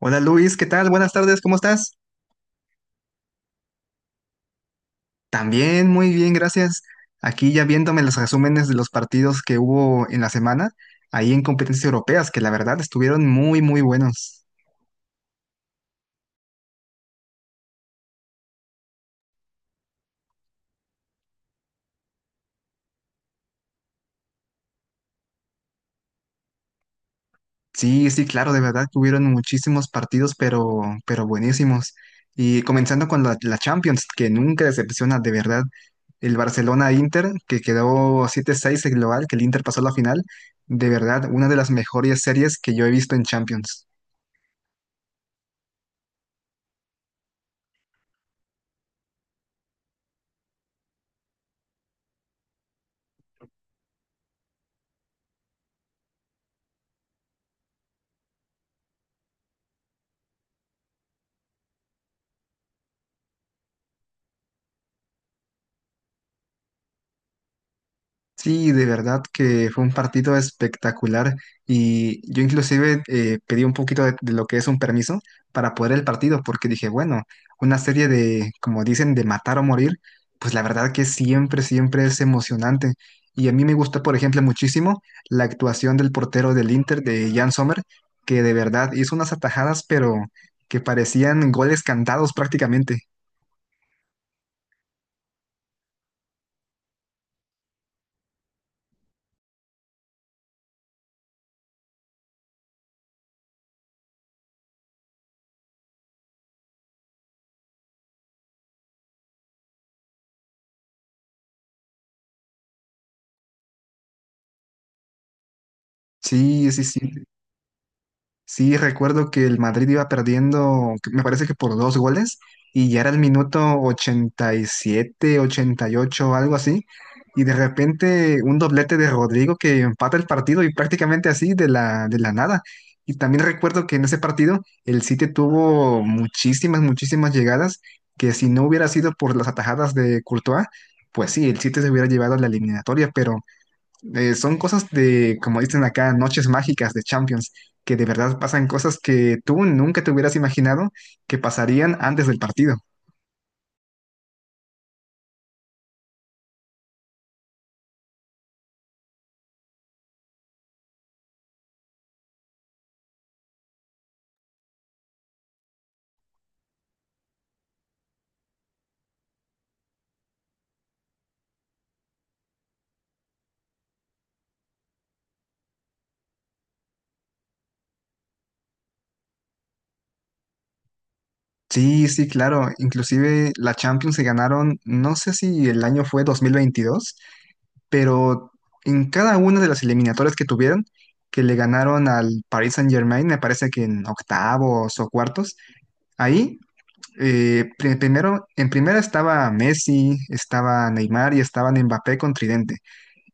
Hola Luis, ¿qué tal? Buenas tardes, ¿cómo estás? También muy bien, gracias. Aquí ya viéndome los resúmenes de los partidos que hubo en la semana, ahí en competencias europeas, que la verdad estuvieron muy, muy buenos. Sí, sí, claro, de verdad, tuvieron muchísimos partidos, pero buenísimos. Y comenzando con la Champions, que nunca decepciona, de verdad. El Barcelona-Inter, que quedó 7-6 el global, que el Inter pasó a la final, de verdad, una de las mejores series que yo he visto en Champions. Sí, de verdad que fue un partido espectacular y yo inclusive pedí un poquito de lo que es un permiso para poder el partido porque dije, bueno, una serie de, como dicen, de matar o morir, pues la verdad que siempre, siempre es emocionante. Y a mí me gustó por ejemplo, muchísimo la actuación del portero del Inter, de Jan Sommer, que de verdad hizo unas atajadas, pero que parecían goles cantados prácticamente. Sí, sí, sí. Sí, recuerdo que el Madrid iba perdiendo, me parece que por dos goles, y ya era el minuto 87, 88, algo así, y de repente un doblete de Rodrigo que empata el partido y prácticamente así de la nada. Y también recuerdo que en ese partido el City tuvo muchísimas, muchísimas llegadas, que si no hubiera sido por las atajadas de Courtois, pues sí, el City se hubiera llevado a la eliminatoria, pero son cosas de, como dicen acá, noches mágicas de Champions, que de verdad pasan cosas que tú nunca te hubieras imaginado que pasarían antes del partido. Sí, sí, claro. Inclusive la Champions se ganaron, no sé si el año fue 2022, pero en cada una de las eliminatorias que tuvieron, que le ganaron al Paris Saint-Germain, me parece que en octavos o cuartos, ahí primero, en primera estaba Messi, estaba Neymar y estaban Mbappé con tridente.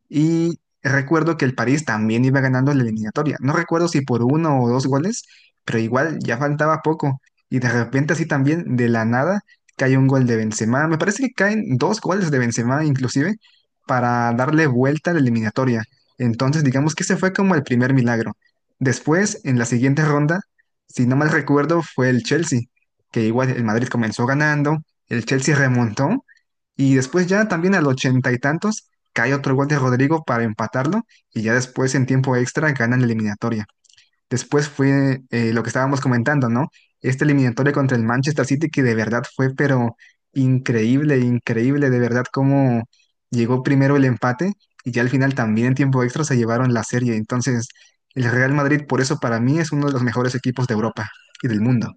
Y recuerdo que el París también iba ganando la eliminatoria. No recuerdo si por uno o dos goles, pero igual ya faltaba poco. Y de repente así también, de la nada, cae un gol de Benzema. Me parece que caen dos goles de Benzema inclusive para darle vuelta a la eliminatoria. Entonces digamos que ese fue como el primer milagro. Después, en la siguiente ronda, si no mal recuerdo, fue el Chelsea, que igual el Madrid comenzó ganando, el Chelsea remontó y después ya también al ochenta y tantos cae otro gol de Rodrigo para empatarlo y ya después en tiempo extra ganan la eliminatoria. Después fue lo que estábamos comentando, ¿no? Esta eliminatoria contra el Manchester City que de verdad fue pero increíble, increíble, de verdad cómo llegó primero el empate y ya al final también en tiempo extra se llevaron la serie. Entonces el Real Madrid por eso para mí es uno de los mejores equipos de Europa y del mundo.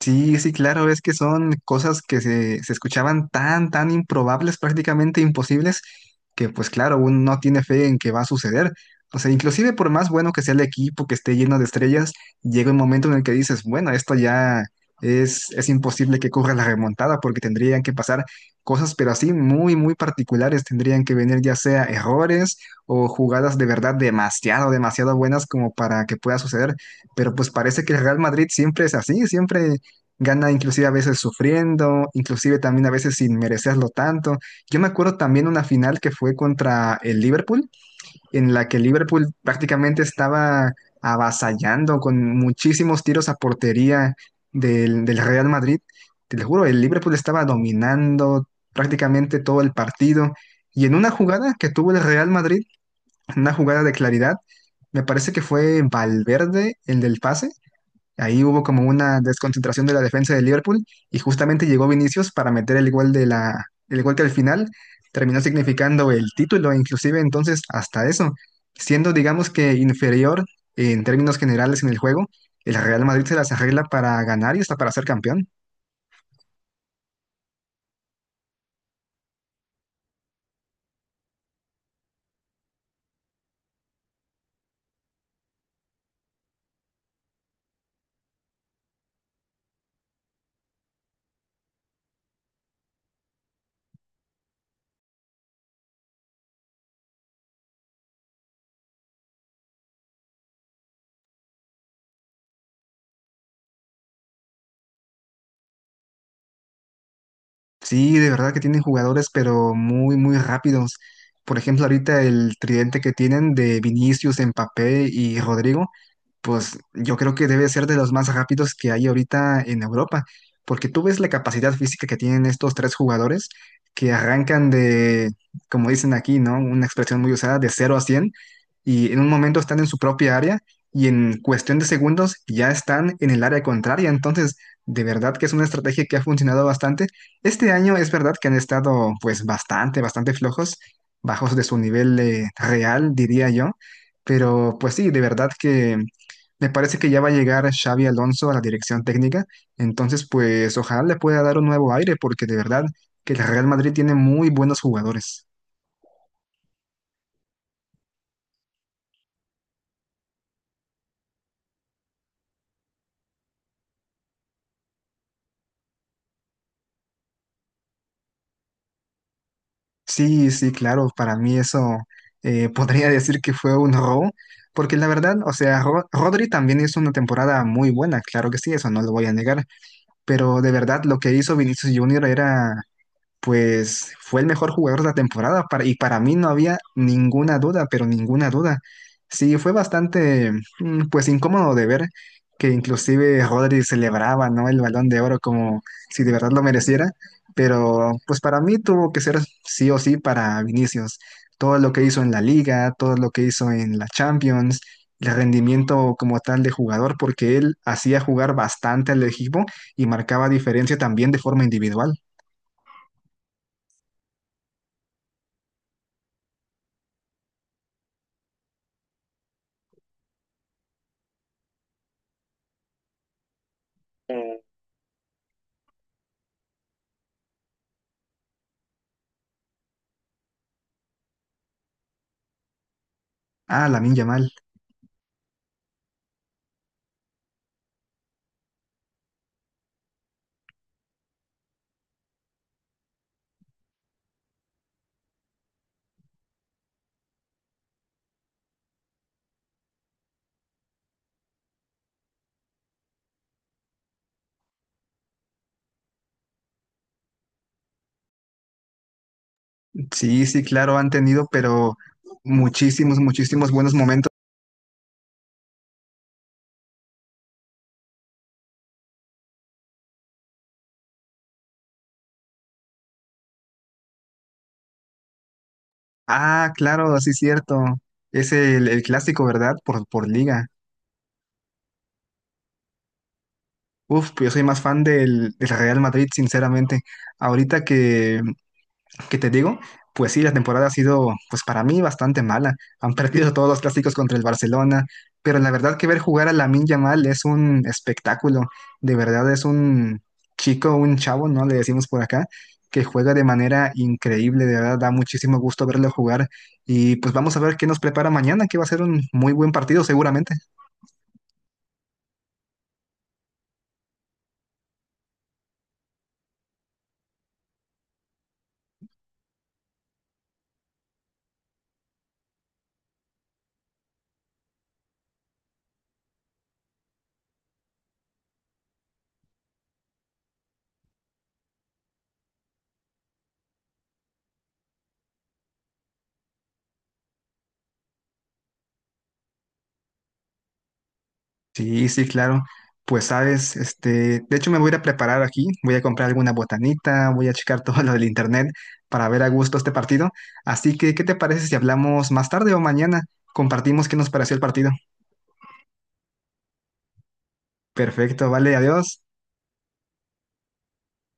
Sí, sí, claro, es que son cosas que se escuchaban tan, tan improbables, prácticamente imposibles, que pues claro, uno no tiene fe en que va a suceder. O sea, inclusive por más bueno que sea el equipo, que esté lleno de estrellas, llega un momento en el que dices, bueno, esto ya es imposible que corra la remontada porque tendrían que pasar cosas, pero así muy, muy particulares, tendrían que venir ya sea errores o jugadas de verdad demasiado, demasiado buenas como para que pueda suceder. Pero pues parece que el Real Madrid siempre es así, siempre gana inclusive a veces sufriendo, inclusive también a veces sin merecerlo tanto. Yo me acuerdo también una final que fue contra el Liverpool, en la que el Liverpool prácticamente estaba avasallando con muchísimos tiros a portería del Real Madrid. Te lo juro, el Liverpool estaba dominando prácticamente todo el partido. Y en una jugada que tuvo el Real Madrid, una jugada de claridad, me parece que fue Valverde, el del pase. Ahí hubo como una desconcentración de la defensa de Liverpool y justamente llegó Vinicius para meter el gol el gol que al final terminó significando el título, inclusive entonces hasta eso, siendo digamos que inferior en términos generales en el juego, el Real Madrid se las arregla para ganar y hasta para ser campeón. Sí, de verdad que tienen jugadores, pero muy, muy rápidos. Por ejemplo, ahorita el tridente que tienen de Vinicius, Mbappé y Rodrigo pues yo creo que debe ser de los más rápidos que hay ahorita en Europa, porque tú ves la capacidad física que tienen estos tres jugadores que arrancan de, como dicen aquí, ¿no? Una expresión muy usada, de cero a 100 y en un momento están en su propia área y en cuestión de segundos ya están en el área contraria, entonces de verdad que es una estrategia que ha funcionado bastante. Este año es verdad que han estado pues bastante, bastante flojos, bajos de su nivel real, diría yo. Pero pues sí, de verdad que me parece que ya va a llegar Xavi Alonso a la dirección técnica, entonces pues ojalá le pueda dar un nuevo aire, porque de verdad que el Real Madrid tiene muy buenos jugadores. Sí, sí, claro, para mí eso podría decir que fue un robo, porque la verdad, o sea, Rodri también hizo una temporada muy buena, claro que sí, eso no lo voy a negar, pero de verdad lo que hizo Vinicius Junior era pues fue el mejor jugador de la temporada y para mí no había ninguna duda, pero ninguna duda. Sí, fue bastante, pues incómodo de ver que inclusive Rodri celebraba, ¿no? El Balón de Oro como si de verdad lo mereciera, pero pues para mí tuvo que ser sí o sí para Vinicius. Todo lo que hizo en la Liga, todo lo que hizo en la Champions, el rendimiento como tal de jugador, porque él hacía jugar bastante al equipo y marcaba diferencia también de forma individual. Ah, Lamine Yamal. Sí, sí, claro, han tenido, pero muchísimos, muchísimos buenos momentos. Ah, claro, sí, cierto. Es el clásico, ¿verdad? Por liga. Uf, yo soy más fan del Real Madrid, sinceramente. Ahorita que te digo, pues sí, la temporada ha sido, pues para mí, bastante mala. Han perdido todos los clásicos contra el Barcelona, pero la verdad que ver jugar a Lamine Yamal es un espectáculo. De verdad es un chico, un chavo, ¿no? Le decimos por acá, que juega de manera increíble. De verdad da muchísimo gusto verlo jugar. Y pues vamos a ver qué nos prepara mañana, que va a ser un muy buen partido seguramente. Sí, sí, claro. Pues sabes, este, de hecho me voy a ir a preparar aquí, voy a comprar alguna botanita, voy a checar todo lo del internet para ver a gusto este partido. Así que, ¿qué te parece si hablamos más tarde o mañana? Compartimos qué nos pareció el partido. Perfecto, vale, adiós.